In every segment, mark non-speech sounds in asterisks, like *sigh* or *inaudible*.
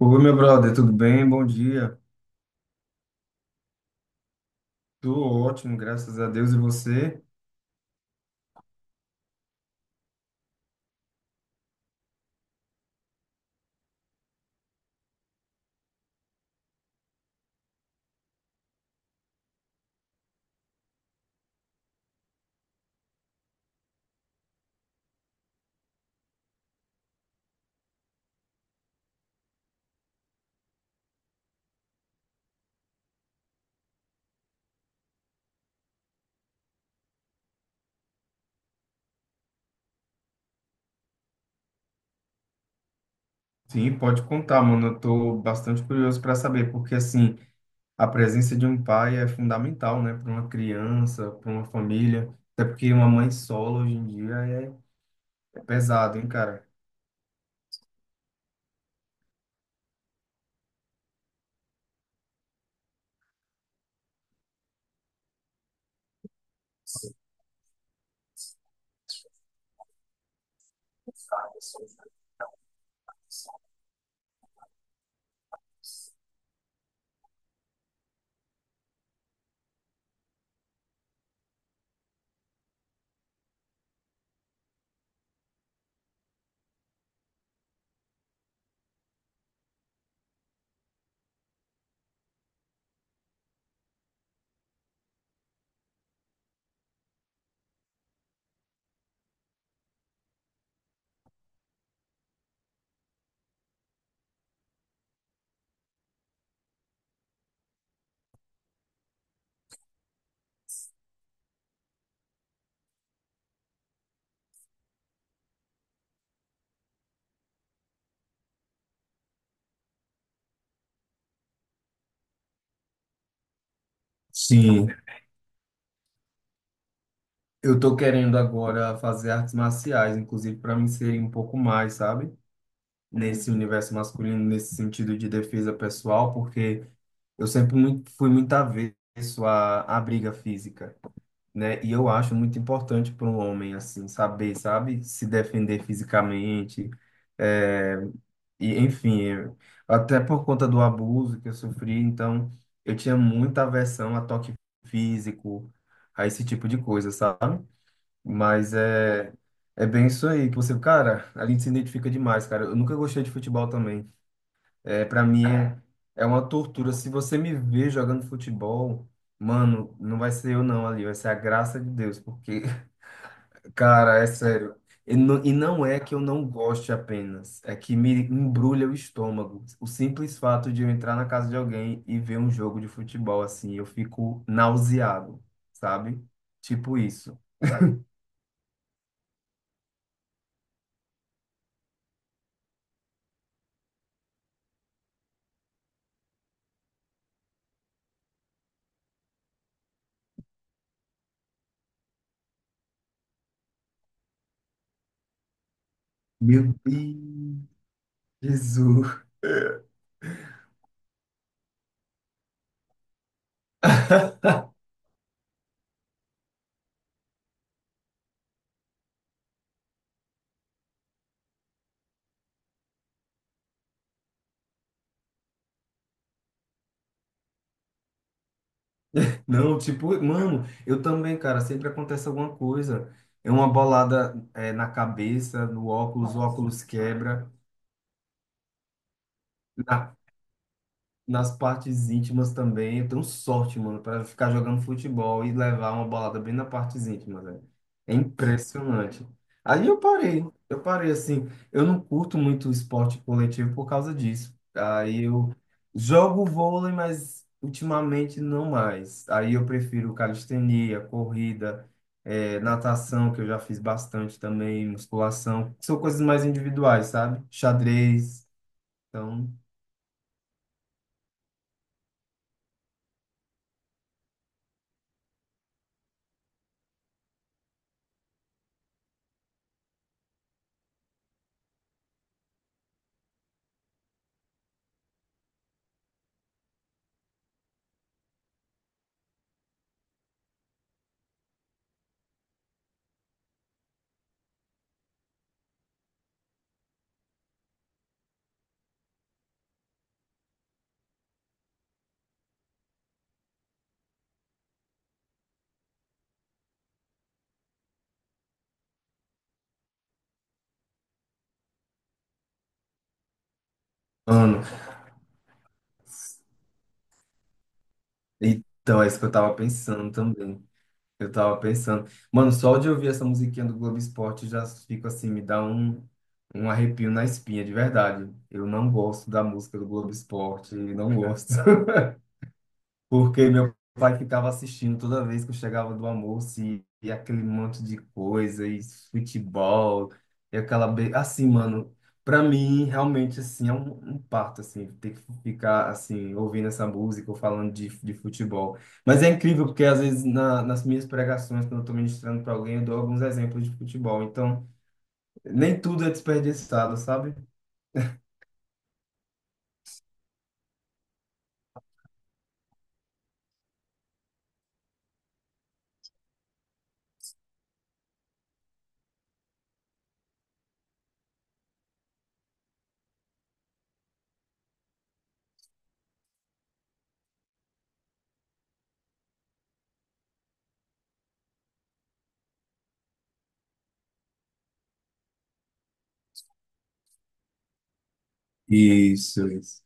Oi, meu brother, tudo bem? Bom dia. Tô ótimo, graças a Deus. E você? Sim, pode contar, mano. Eu tô bastante curioso para saber, porque assim, a presença de um pai é fundamental, né, para uma criança, para uma família, até porque uma mãe solo hoje em dia é pesado, hein, cara? Sim, eu tô querendo agora fazer artes marciais, inclusive para me inserir um pouco mais, sabe? Nesse universo masculino, nesse sentido de defesa pessoal, porque eu sempre muito, fui muito avesso à briga física, né? E eu acho muito importante para um homem, assim, saber, sabe, se defender fisicamente. É, e, enfim, eu- até por conta do abuso que eu sofri, então eu tinha muita aversão a toque físico, a esse tipo de coisa, sabe? Mas é, é bem isso aí, que você, cara, a gente se identifica demais, cara. Eu nunca gostei de futebol também. É, para mim é, é uma tortura. Se você me ver jogando futebol, mano, não vai ser eu não ali, vai ser a graça de Deus, porque, *laughs* cara, é sério. E não é que eu não goste apenas, é que me embrulha o estômago. O simples fato de eu entrar na casa de alguém e ver um jogo de futebol assim, eu fico nauseado, sabe? Tipo isso. Meu Deus, Jesus. *laughs* Não, tipo, mano, eu também, cara, sempre acontece alguma coisa. É uma bolada, é, na cabeça, no óculos, o nossa, óculos quebra, na nas partes íntimas também, eu tenho sorte, mano, para ficar jogando futebol e levar uma bolada bem na partes íntimas, velho. É impressionante. Aí eu parei assim. Eu não curto muito esporte coletivo por causa disso. Aí eu jogo vôlei, mas ultimamente não mais. Aí eu prefiro calistenia, corrida, natação, que eu já fiz bastante também, musculação. São coisas mais individuais, sabe? Xadrez, então, ano. Então, é isso que eu tava pensando também. Eu tava pensando. Mano, só de ouvir essa musiquinha do Globo Esporte já fico assim, me dá um arrepio na espinha, de verdade. Eu não gosto da música do Globo Esporte, não gosto. *laughs* Porque meu pai ficava assistindo toda vez que eu chegava do almoço e aquele monte de coisa, e futebol, e aquela. Assim, mano, pra mim, realmente, assim, é um parto, assim, ter que ficar, assim, ouvindo essa música ou falando de futebol. Mas é incrível, porque às vezes nas minhas pregações, quando eu tô ministrando pra alguém, eu dou alguns exemplos de futebol. Então, nem tudo é desperdiçado, sabe? Isso, isso.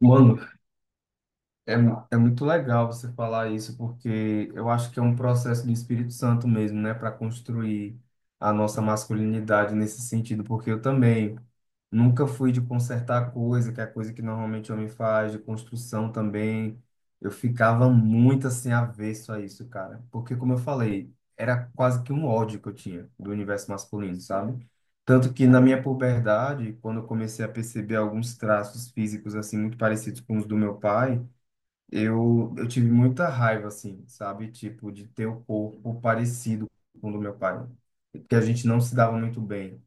Mano, é muito legal você falar isso, porque eu acho que é um processo do Espírito Santo mesmo, né, para construir a nossa masculinidade nesse sentido, porque eu também nunca fui de consertar coisa, que é a coisa que normalmente o homem faz, de construção também. Eu ficava muito assim avesso a isso, cara, porque como eu falei, era quase que um ódio que eu tinha do universo masculino, sabe? Tanto que na minha puberdade, quando eu comecei a perceber alguns traços físicos assim muito parecidos com os do meu pai, eu tive muita raiva, assim, sabe? Tipo, de ter o corpo parecido com o do meu pai. Porque a gente não se dava muito bem.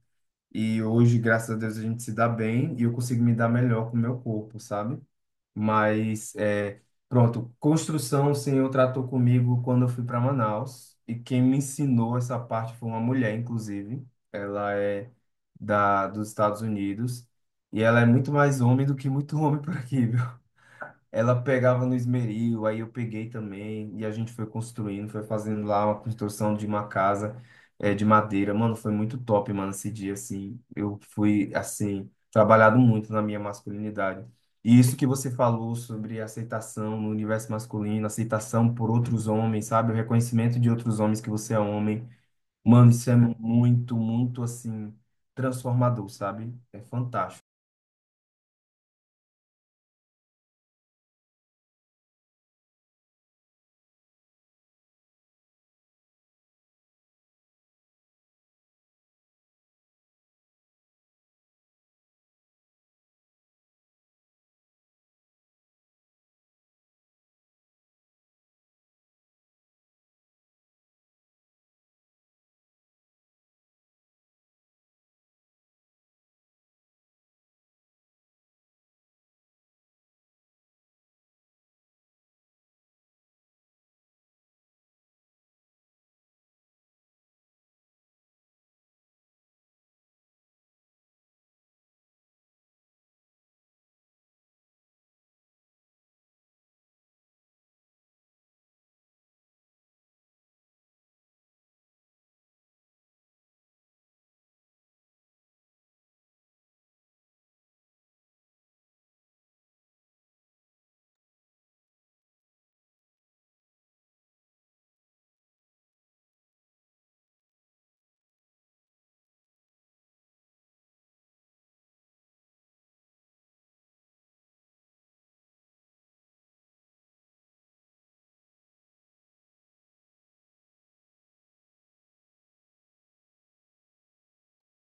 E hoje, graças a Deus, a gente se dá bem e eu consigo me dar melhor com o meu corpo, sabe? Mas, é, pronto, construção o Senhor tratou comigo quando eu fui para Manaus. E quem me ensinou essa parte foi uma mulher, inclusive. Ela é dos Estados Unidos. E ela é muito mais homem do que muito homem por aqui, ela pegava no esmeril, aí eu peguei também, e a gente foi construindo, foi fazendo lá uma construção de uma casa de madeira. Mano, foi muito top, mano, esse dia, assim. Eu fui, assim, trabalhado muito na minha masculinidade. E isso que você falou sobre aceitação no universo masculino, aceitação por outros homens, sabe? O reconhecimento de outros homens que você é homem. Mano, isso é muito, muito, assim, transformador, sabe? É fantástico.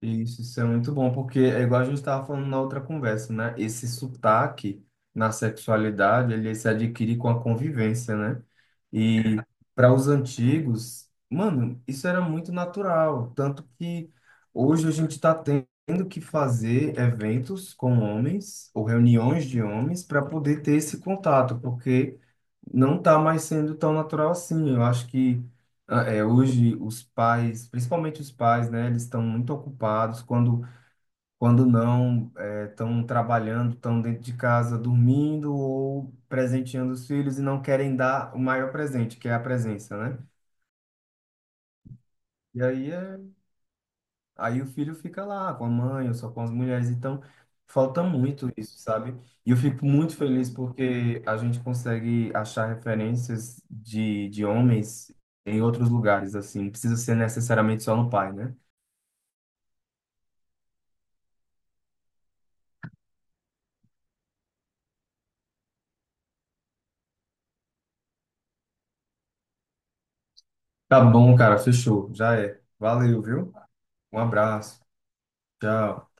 Isso é muito bom, porque é igual a gente estava falando na outra conversa, né? Esse sotaque na sexualidade, ele se adquire com a convivência, né? E para os antigos, mano, isso era muito natural, tanto que hoje a gente está tendo que fazer eventos com homens ou reuniões de homens para poder ter esse contato, porque não está mais sendo tão natural assim. Eu acho que é, hoje os pais, principalmente os pais, né, eles estão muito ocupados quando não estão trabalhando, estão dentro de casa dormindo ou presenteando os filhos e não querem dar o maior presente, que é a presença, né? E aí, é, aí o filho fica lá com a mãe ou só com as mulheres, então falta muito isso, sabe? E eu fico muito feliz porque a gente consegue achar referências de homens em outros lugares, assim, não precisa ser necessariamente só no pai, né? Tá bom, cara, fechou. Já é. Valeu, viu? Um abraço. Tchau.